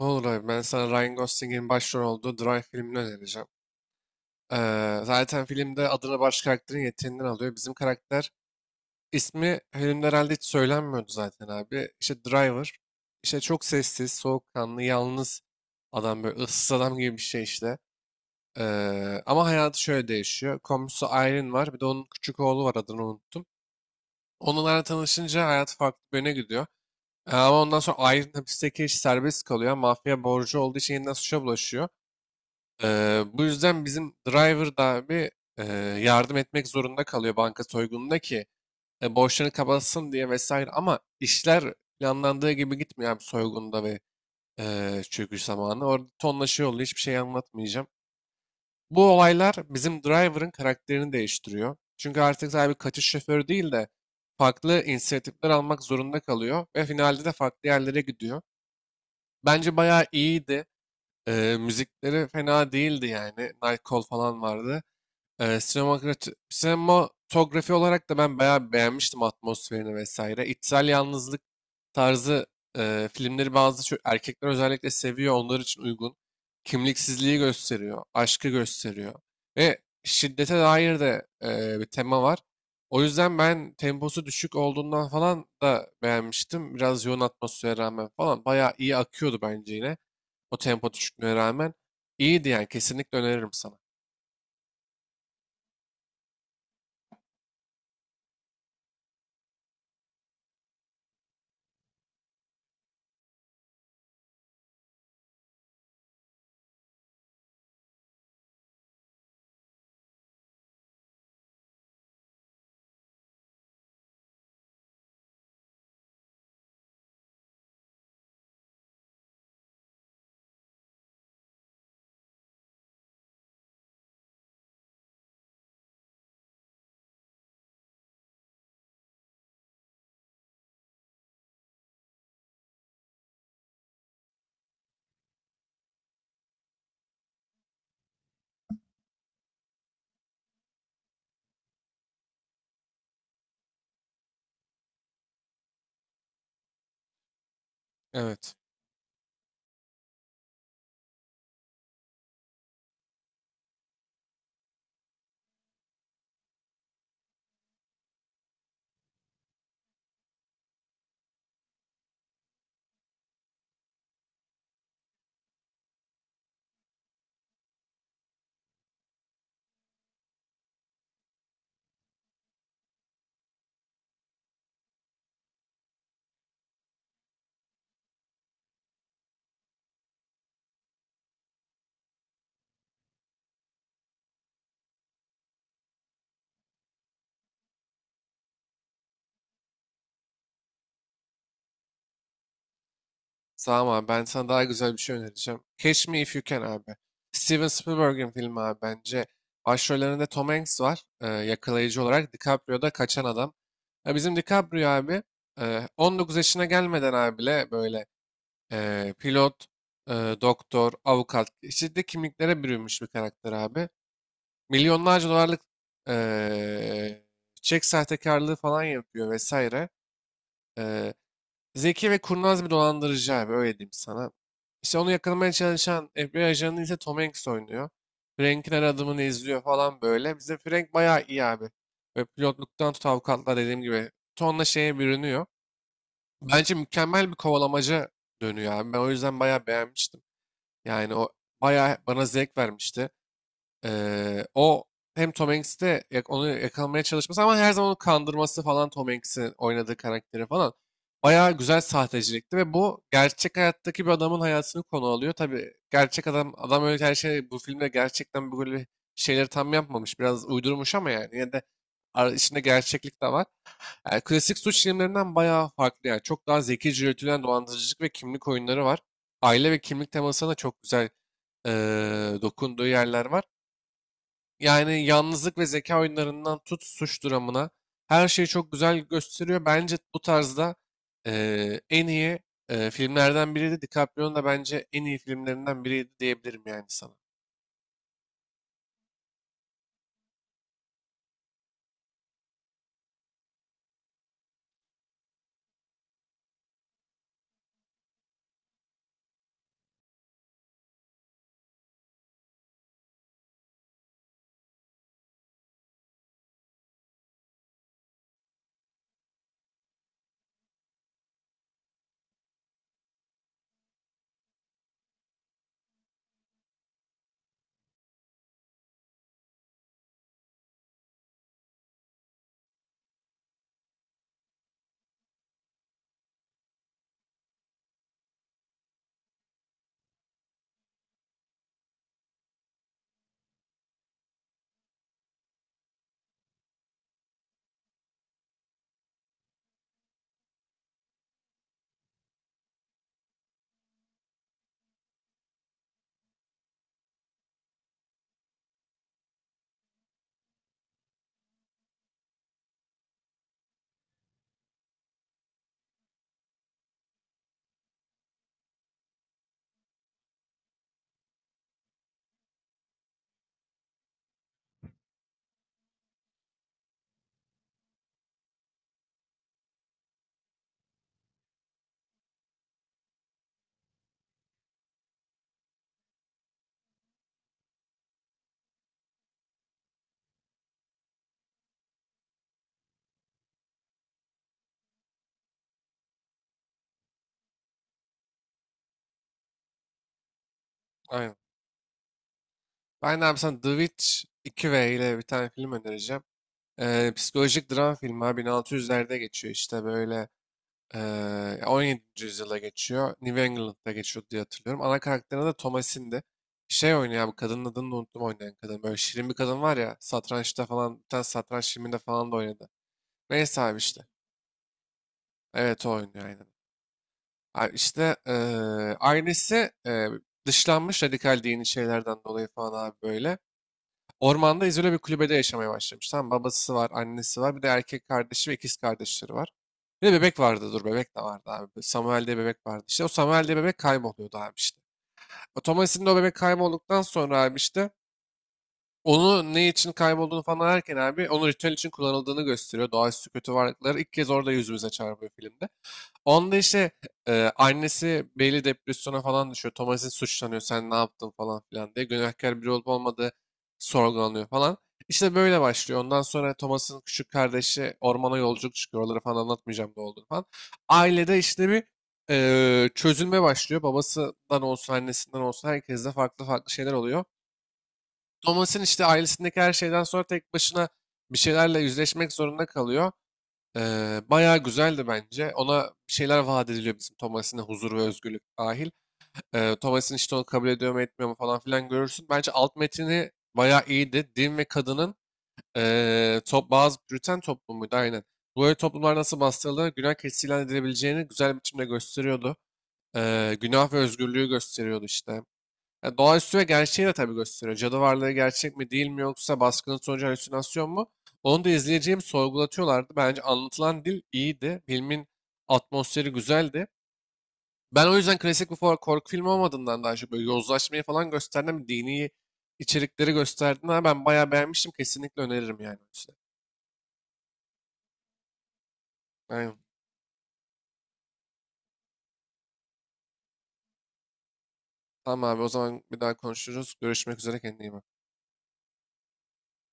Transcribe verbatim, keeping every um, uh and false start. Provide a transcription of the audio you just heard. Ne olur abi, ben sana Ryan Gosling'in başrol olduğu Drive filmini önereceğim. Ee, zaten filmde adını baş karakterin yeteneğinden alıyor. Bizim karakter ismi filmde herhalde hiç söylenmiyordu zaten abi. İşte Driver. İşte çok sessiz, soğukkanlı, yalnız adam, böyle ıssız adam gibi bir şey işte. Ee, ama hayatı şöyle değişiyor. Komşusu Irene var. Bir de onun küçük oğlu var, adını unuttum. Onlarla tanışınca hayat farklı bir yöne gidiyor. Ee, Ama ondan sonra Irene hapisteki iş serbest kalıyor. Mafya borcu olduğu için yeniden suça bulaşıyor. Eee, bu yüzden bizim driver da abi eee, yardım etmek zorunda kalıyor banka soygununda ki e, borçlarını kapatsın diye vesaire. Ama işler planlandığı gibi gitmiyor abi, soygunda, ve eee çöküş zamanı. Orada tonlaşıyor oluyor, hiçbir şey anlatmayacağım. Bu olaylar bizim driver'ın karakterini değiştiriyor. Çünkü artık sadece bir kaçış şoförü değil de farklı inisiyatifler almak zorunda kalıyor ve finalde de farklı yerlere gidiyor. Bence bayağı iyiydi. Eee, müzikleri fena değildi yani. Nightcall falan vardı. Ee, sinematograf- sinematografi olarak da ben bayağı beğenmiştim atmosferini vesaire. İçsel yalnızlık tarzı e, filmleri bazı ço- erkekler özellikle seviyor. Onlar için uygun. Kimliksizliği gösteriyor. Aşkı gösteriyor. Ve şiddete dair de e, bir tema var. O yüzden ben temposu düşük olduğundan falan da beğenmiştim. Biraz yoğun atmosfere rağmen falan. Bayağı iyi akıyordu bence yine. O tempo düşüklüğüne rağmen. İyiydi yani. Kesinlikle öneririm sana. Evet. Tamam abi, ben sana daha güzel bir şey önereceğim. Catch Me If You Can abi. Steven Spielberg'in filmi abi bence. Başrollerinde Tom Hanks var e, yakalayıcı olarak. DiCaprio da kaçan adam. Ya bizim DiCaprio abi e, on dokuz yaşına gelmeden abi bile böyle e, pilot, e, doktor, avukat, çeşitli kimliklere bürünmüş bir karakter abi. Milyonlarca dolarlık e, çek sahtekarlığı falan yapıyor vesaire. E, Zeki ve kurnaz bir dolandırıcı abi, öyle diyeyim sana. İşte onu yakalamaya çalışan F B I ajanı ise Tom Hanks oynuyor. Frank'in her adımını izliyor falan böyle. Bizim Frank bayağı iyi abi. Ve pilotluktan tut avukatlar, dediğim gibi tonla şeye bürünüyor. Bence mükemmel bir kovalamaca dönüyor abi. Ben o yüzden bayağı beğenmiştim. Yani o bayağı bana zevk vermişti. Eee, o hem Tom Hanks'te yak- onu yakalamaya çalışması ama her zaman onu kandırması falan, Tom Hanks'in oynadığı karakteri falan bayağı güzel sahtecilikti, ve bu gerçek hayattaki bir adamın hayatını konu alıyor. Tabii gerçek adam adam öyle her şey bu filmde gerçekten böyle şeyleri tam yapmamış. Biraz uydurmuş ama yani yine de ar- içinde gerçeklik de var. Yani klasik suç filmlerinden bayağı farklı yani. Çok daha zekice yürütülen dolandırıcılık ve kimlik oyunları var. Aile ve kimlik temasına da çok güzel eee, dokunduğu yerler var. Yani yalnızlık ve zeka oyunlarından tut suç dramına, her şeyi çok güzel gösteriyor. Bence bu tarzda eee, en iyi eee, filmlerden biriydi. DiCaprio'nun da bence en iyi filmlerinden biriydi diyebilirim yani sana. Aynen. Ben de abi sana The Witch iki V ile bir tane film önereceğim. Eee, psikolojik dram filmi abi, bin altı yüzlerde geçiyor işte böyle. Eee, on yedinci yüzyıla geçiyor. New England'da geçiyor diye hatırlıyorum. Ana karakterine de Thomasin'di. Şey oynuyor abi, kadının adını da unuttum oynayan kadın. Böyle şirin bir kadın var ya, satrançta falan bir tane satranç filminde falan da oynadı. Neyse abi işte. Evet, o oynuyor aynen. Abi işte eee ailesi eee, dışlanmış radikal dini şeylerden dolayı falan abi böyle. Ormanda izole bir kulübede yaşamaya başlamış. Tamam, babası var, annesi var, bir de erkek kardeşi ve ikiz kardeşleri var. Bir de bebek vardı, dur, bebek de vardı abi. Samuel diye bebek vardı işte. O Samuel diye bebek kayboluyordu abi işte. O Thomas'in de o bebek kaybolduktan sonra abi işte onu ne için kaybolduğunu falan ararken abi, onun ritüel için kullanıldığını gösteriyor. Doğaüstü kötü varlıkları ilk kez orada yüzümüze çarpıyor filmde. Onda işte e, annesi belli depresyona falan düşüyor. Thomas'in suçlanıyor. Sen ne yaptın falan filan diye. Günahkar biri olup olmadığı sorgulanıyor falan. İşte böyle başlıyor. Ondan sonra Thomas'ın küçük kardeşi ormana yolculuk çıkıyor. Oraları falan anlatmayacağım ne olduğunu falan. Ailede işte bir e, çözülme başlıyor. Babasından olsun, annesinden olsun herkeste farklı farklı şeyler oluyor. Thomas'ın işte ailesindeki her şeyden sonra tek başına bir şeylerle yüzleşmek zorunda kalıyor. Eee, bayağı güzeldi bence. Ona bir şeyler vaat ediliyor bizim Thomas'ın, huzur ve özgürlük dahil. Eee Thomas'ın işte onu kabul ediyor mu etmiyor mu falan filan görürsün. Bence alt metini bayağı iyiydi. Din ve kadının eee, top, bazı Briten toplumuydu aynen. Böyle toplumlar nasıl bastırılır, günah keçisi ilan edilebileceğini güzel biçimde gösteriyordu. Eee, günah ve özgürlüğü gösteriyordu işte. Ya, doğaüstü ve gerçeği de tabii gösteriyor. Cadı varlığı gerçek mi değil mi, yoksa baskının sonucu halüsinasyon mu? Onu da izleyeceğim sorgulatıyorlardı. Bence anlatılan dil iyiydi. Filmin atmosferi güzeldi. Ben o yüzden klasik bir for- korku filmi olmadığından daha çok böyle yozlaşmayı falan gösterdim. Dini içerikleri gösterdiğinden ben bayağı beğenmiştim. Kesinlikle öneririm yani. O aynen. Tamam abi, o zaman bir daha konuşuruz. Görüşmek üzere, kendine iyi bak.